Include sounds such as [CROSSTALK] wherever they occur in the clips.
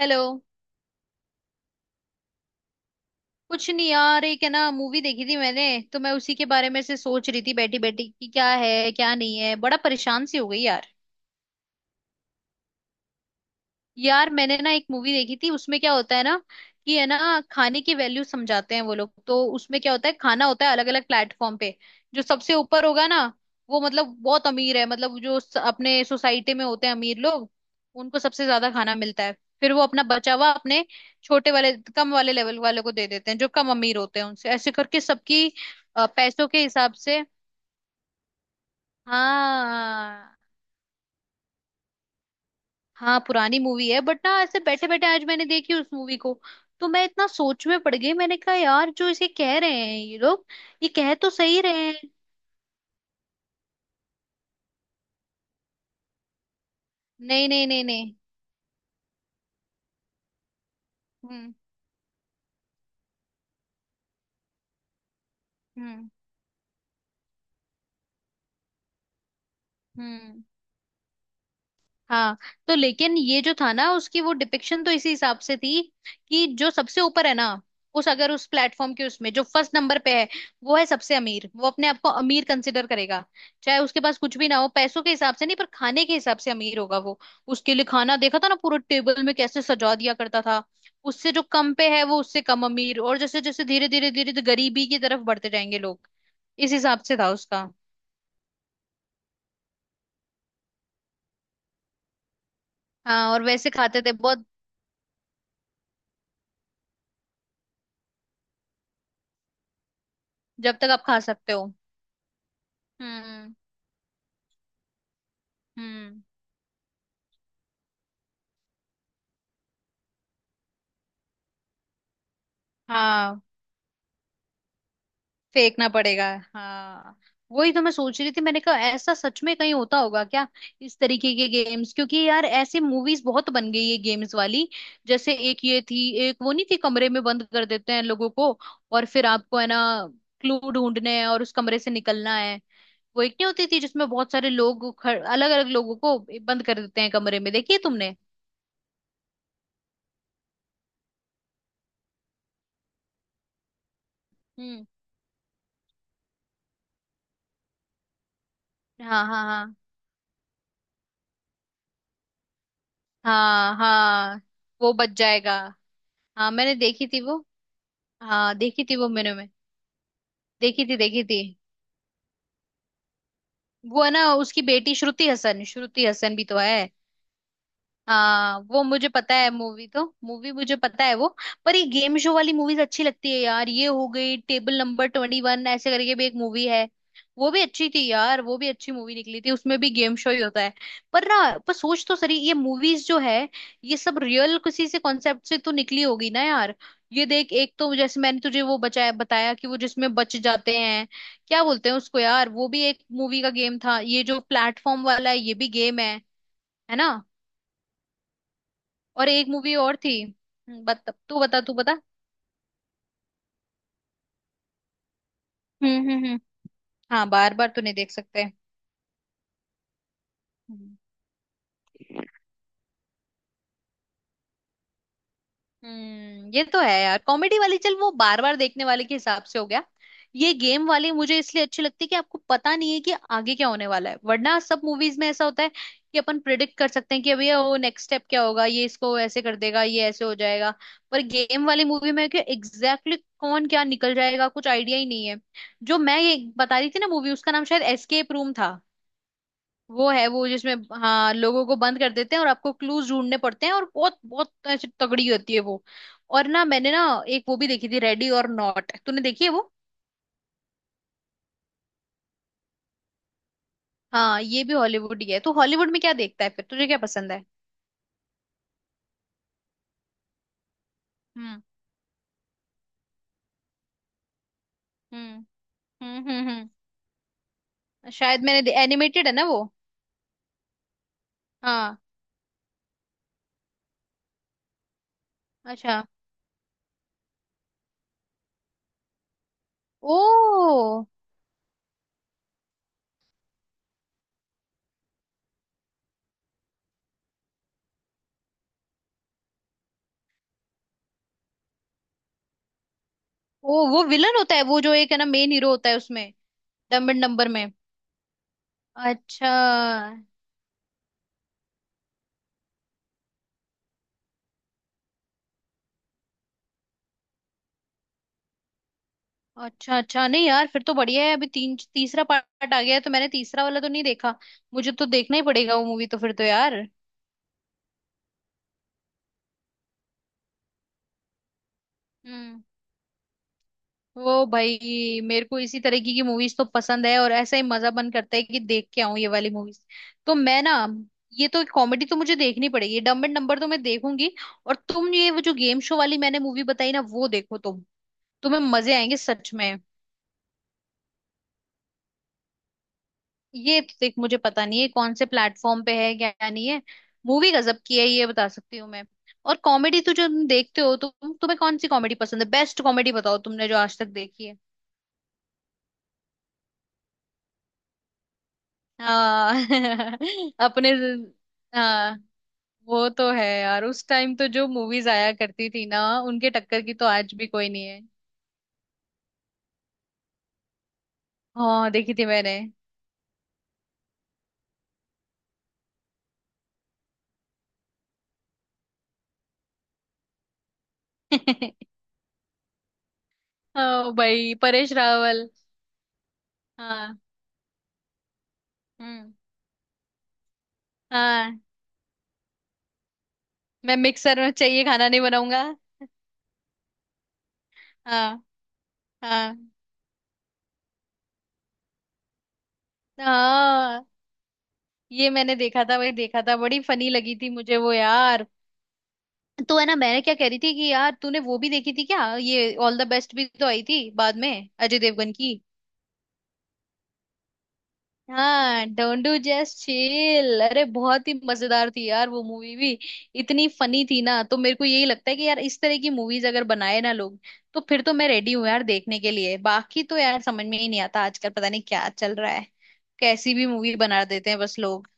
Hello. कुछ नहीं यार, एक है ना मूवी देखी थी मैंने, तो मैं उसी के बारे में से सोच रही थी बैठी बैठी कि क्या है क्या नहीं है, बड़ा परेशान सी हो गई यार। यार मैंने ना एक मूवी देखी थी, उसमें क्या होता है ना कि है ना खाने की वैल्यू समझाते हैं वो लोग, तो उसमें क्या होता है, खाना होता है अलग अलग प्लेटफॉर्म पे। जो सबसे ऊपर होगा ना वो मतलब बहुत अमीर है, मतलब जो अपने सोसाइटी में होते हैं अमीर लोग उनको सबसे ज्यादा खाना मिलता है। फिर वो अपना बचा हुआ अपने छोटे वाले कम वाले लेवल वाले को दे देते हैं, जो कम अमीर होते हैं, उनसे ऐसे करके सबकी पैसों के हिसाब से। हाँ। हाँ पुरानी मूवी है बट ना ऐसे बैठे बैठे आज मैंने देखी उस मूवी को, तो मैं इतना सोच में पड़ गई। मैंने कहा यार, जो इसे कह रहे हैं ये लोग, ये कह तो सही रहे हैं। नहीं नहीं नहीं नहीं। हम्म। हम्म। हम्म। हाँ। तो लेकिन ये जो था ना उसकी वो डिपिक्शन तो इसी हिसाब से थी कि जो सबसे ऊपर है ना, उस अगर उस प्लेटफॉर्म के उसमें जो फर्स्ट नंबर पे है, वो है सबसे अमीर। वो अपने आप को अमीर कंसिडर करेगा, चाहे उसके पास कुछ भी ना हो पैसों के हिसाब से, नहीं पर खाने के हिसाब से अमीर होगा वो। उसके लिए खाना देखा था ना पूरे टेबल में कैसे सजा दिया करता था। उससे जो कम पे है वो उससे कम अमीर, और जैसे जैसे धीरे धीरे धीरे गरीबी की तरफ बढ़ते जाएंगे लोग, इस हिसाब से था उसका। हाँ और वैसे खाते थे बहुत। जब तक आप खा सकते हो। हम्म। हम्म। हाँ। फेंकना पड़ेगा। हाँ। वही तो मैं सोच रही थी, मैंने कहा ऐसा सच में कहीं होता होगा क्या, इस तरीके के गेम्स? क्योंकि यार ऐसे मूवीज बहुत बन गई है गेम्स वाली। जैसे एक ये थी, एक वो नहीं थी कमरे में बंद कर देते हैं लोगों को और फिर आपको है ना क्लू ढूंढने हैं और उस कमरे से निकलना है। वो एक नहीं होती थी जिसमें बहुत सारे लोग, अलग अलग लोगों को बंद कर देते हैं कमरे में, देखिए तुमने। हम्म। हाँ हाँ हाँ। हाँ हाँ, वो बच जाएगा। हाँ मैंने देखी थी वो। हाँ देखी थी वो मैंने में। देखी थी देखी थी। वो है ना उसकी बेटी श्रुति हसन, श्रुति हसन भी तो है। हाँ वो मुझे पता है, मूवी तो मूवी मुझे पता है वो। पर ये गेम शो वाली मूवीज अच्छी लगती है यार। ये हो गई टेबल नंबर 21, ऐसे करके भी एक मूवी है, वो भी अच्छी थी यार। वो भी अच्छी मूवी निकली थी, उसमें भी गेम शो ही होता है। पर ना, पर सोच तो सही, ये मूवीज जो है ये सब रियल किसी से कॉन्सेप्ट से तो निकली होगी ना यार। ये देख, एक तो जैसे मैंने तुझे वो बचाया बताया कि वो जिसमें बच जाते हैं, क्या बोलते हैं उसको यार, वो भी एक मूवी का गेम था। ये जो प्लेटफॉर्म वाला है ये भी गेम है ना। और एक मूवी और थी तू बता तू बता। हम्म। हम्म। हम्म। हाँ बार बार तो नहीं देख सकते। हम्म। ये तो है यार, कॉमेडी वाली चल, वो बार बार देखने वाले के हिसाब से हो गया। ये गेम वाली मुझे इसलिए अच्छी लगती है कि आपको पता नहीं है कि आगे क्या होने वाला है, वरना सब मूवीज में ऐसा होता है कि अपन प्रिडिक्ट कर सकते हैं कि अभी वो नेक्स्ट स्टेप क्या होगा, ये इसको ऐसे कर देगा, ये ऐसे हो जाएगा। पर गेम वाली मूवी में कि एग्जैक्टली कौन क्या निकल जाएगा कुछ आइडिया ही नहीं है। जो मैं ये बता रही थी ना मूवी, उसका नाम शायद एस्केप रूम था। वो है वो जिसमें, हाँ लोगों को बंद कर देते हैं और आपको क्लूज ढूंढने पड़ते हैं, और बहुत बहुत ऐसी तगड़ी होती है वो। और ना मैंने ना एक वो भी देखी थी, रेडी और नॉट, तूने देखी है वो? हाँ ये भी हॉलीवुड ही है, तो हॉलीवुड में क्या देखता है फिर, तुझे क्या पसंद है? हम्म। हम्म। हम्म। हम्म। हम्म। शायद मैंने एनिमेटेड है ना वो। हाँ। अच्छा। ओ। ओ वो विलन होता है वो, जो एक है ना मेन हीरो होता है उसमें। डम्बल नंबर में। अच्छा। अच्छा अच्छा नहीं यार फिर तो बढ़िया है, अभी तीन तीसरा पार्ट आ गया है तो मैंने तीसरा वाला तो नहीं देखा। मुझे तो देखना ही पड़ेगा वो मूवी तो फिर तो यार। हम्म। वो भाई मेरे को इसी तरीके की मूवीज तो पसंद है, और ऐसा ही मजा, मन करता है कि देख के आऊं ये वाली मूवीज। तो मैं ना, ये तो कॉमेडी तो मुझे देखनी पड़ेगी, डम्ब एंड डम्बर तो मैं देखूंगी। और तुम ये वो जो गेम शो वाली मैंने मूवी बताई ना वो देखो तुम, तुम्हें मजे आएंगे सच में। ये तो देख मुझे पता नहीं है कौन से प्लेटफॉर्म पे है क्या नहीं है, मूवी गजब की है ये बता सकती हूँ मैं। और कॉमेडी तो जो तुम देखते हो, तुम तुम्हें कौन सी कॉमेडी पसंद है? बेस्ट कॉमेडी बताओ तुमने जो आज तक देखी है। हाँ [LAUGHS] अपने। हाँ वो तो है यार, उस टाइम तो जो मूवीज आया करती थी ना, उनके टक्कर की तो आज भी कोई नहीं है। हाँ देखी थी मैंने। [LAUGHS] ओ भाई परेश रावल। हाँ। हम्म। हाँ मैं मिक्सर में चाहिए खाना नहीं बनाऊंगा। हाँ। हाँ। हाँ। ये मैंने देखा था, वही देखा था, बड़ी फनी लगी थी मुझे वो यार। तो है ना, मैंने क्या कह रही थी कि यार तूने वो भी देखी थी क्या, ये ऑल द बेस्ट भी तो आई थी बाद में अजय देवगन की। हाँ डोंट डू जस्ट चिल, अरे बहुत ही मजेदार थी यार वो मूवी भी। इतनी फनी थी ना, तो मेरे को यही लगता है कि यार इस तरह की मूवीज अगर बनाए ना लोग, तो फिर तो मैं रेडी हूँ यार देखने के लिए। बाकी तो यार समझ में ही नहीं आता आजकल, पता नहीं क्या चल रहा है, कैसी भी मूवी बना देते हैं बस लोग।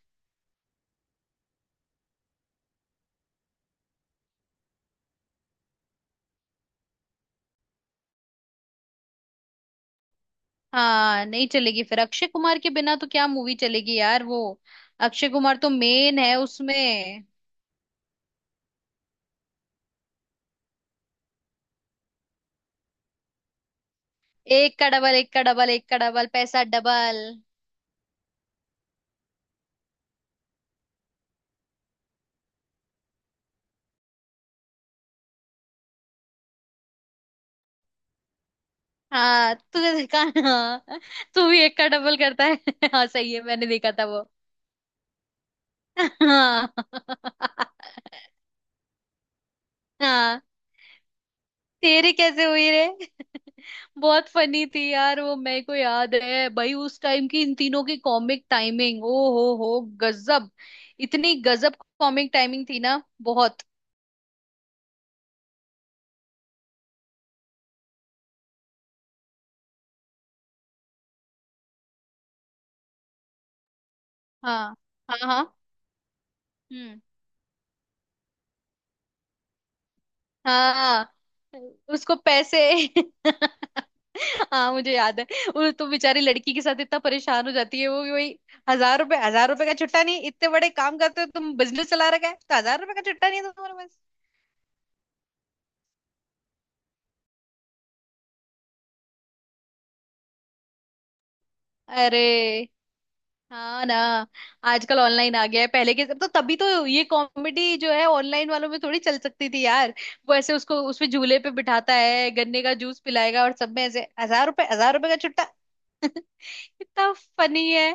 हाँ नहीं चलेगी फिर अक्षय कुमार के बिना, तो क्या मूवी चलेगी यार वो। अक्षय कुमार तो मेन है उसमें। एक का डबल, एक का डबल, एक का डबल पैसा डबल। हाँ तुझे देखा। हाँ तू भी एक का डबल करता है [LAUGHS] हाँ सही है, मैंने देखा था वो। हाँ। हाँ तेरी कैसे हुई रे [LAUGHS] बहुत फनी थी यार, वो मेरे को याद है भाई उस टाइम की, इन तीनों की कॉमिक टाइमिंग, ओ हो गजब। इतनी गजब कॉमिक टाइमिंग थी ना बहुत। हाँ हाँ हाँ। हम्म। हाँ उसको पैसे [LAUGHS] हाँ मुझे याद है। वो तो बेचारी लड़की के साथ इतना परेशान हो जाती है वो कि भाई, हजार रुपए, हजार रुपए का छुट्टा नहीं, इतने बड़े काम करते हो तुम, बिजनेस चला रखा है तो हजार रुपए का छुट्टा नहीं है तुम्हारे पास। अरे। हाँ ना। आजकल ऑनलाइन आ गया है, पहले के तो तभी तो ये कॉमेडी जो है ऑनलाइन वालों में थोड़ी चल सकती थी यार। वो ऐसे उसको उसमें झूले पे बिठाता है, गन्ने का जूस पिलाएगा, और सब में ऐसे हजार रुपए, हजार रुपए का छुट्टा [LAUGHS] कितना फनी है।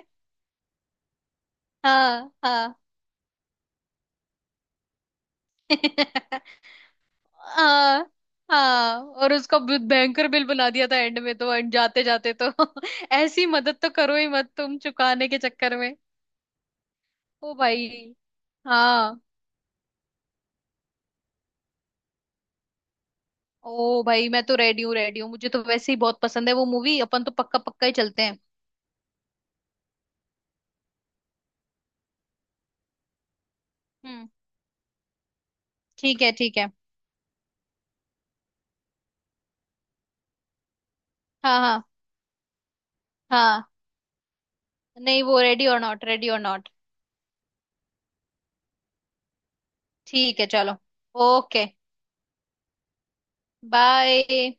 हाँ हाँ। [LAUGHS] हाँ हाँ, और उसका बहुत भयंकर बिल बना दिया था एंड में, तो एंड जाते जाते तो [LAUGHS] ऐसी मदद तो करो ही मत तुम चुकाने के चक्कर में। ओ भाई। हाँ। ओ भाई मैं तो रेडी हूँ रेडी हूँ, मुझे तो वैसे ही बहुत पसंद है वो मूवी, अपन तो पक्का पक्का ही चलते हैं। हम्म। ठीक है ठीक है। हाँ हाँ। हाँ नहीं वो ready or not, ready or not. ठीक है चलो। Okay bye.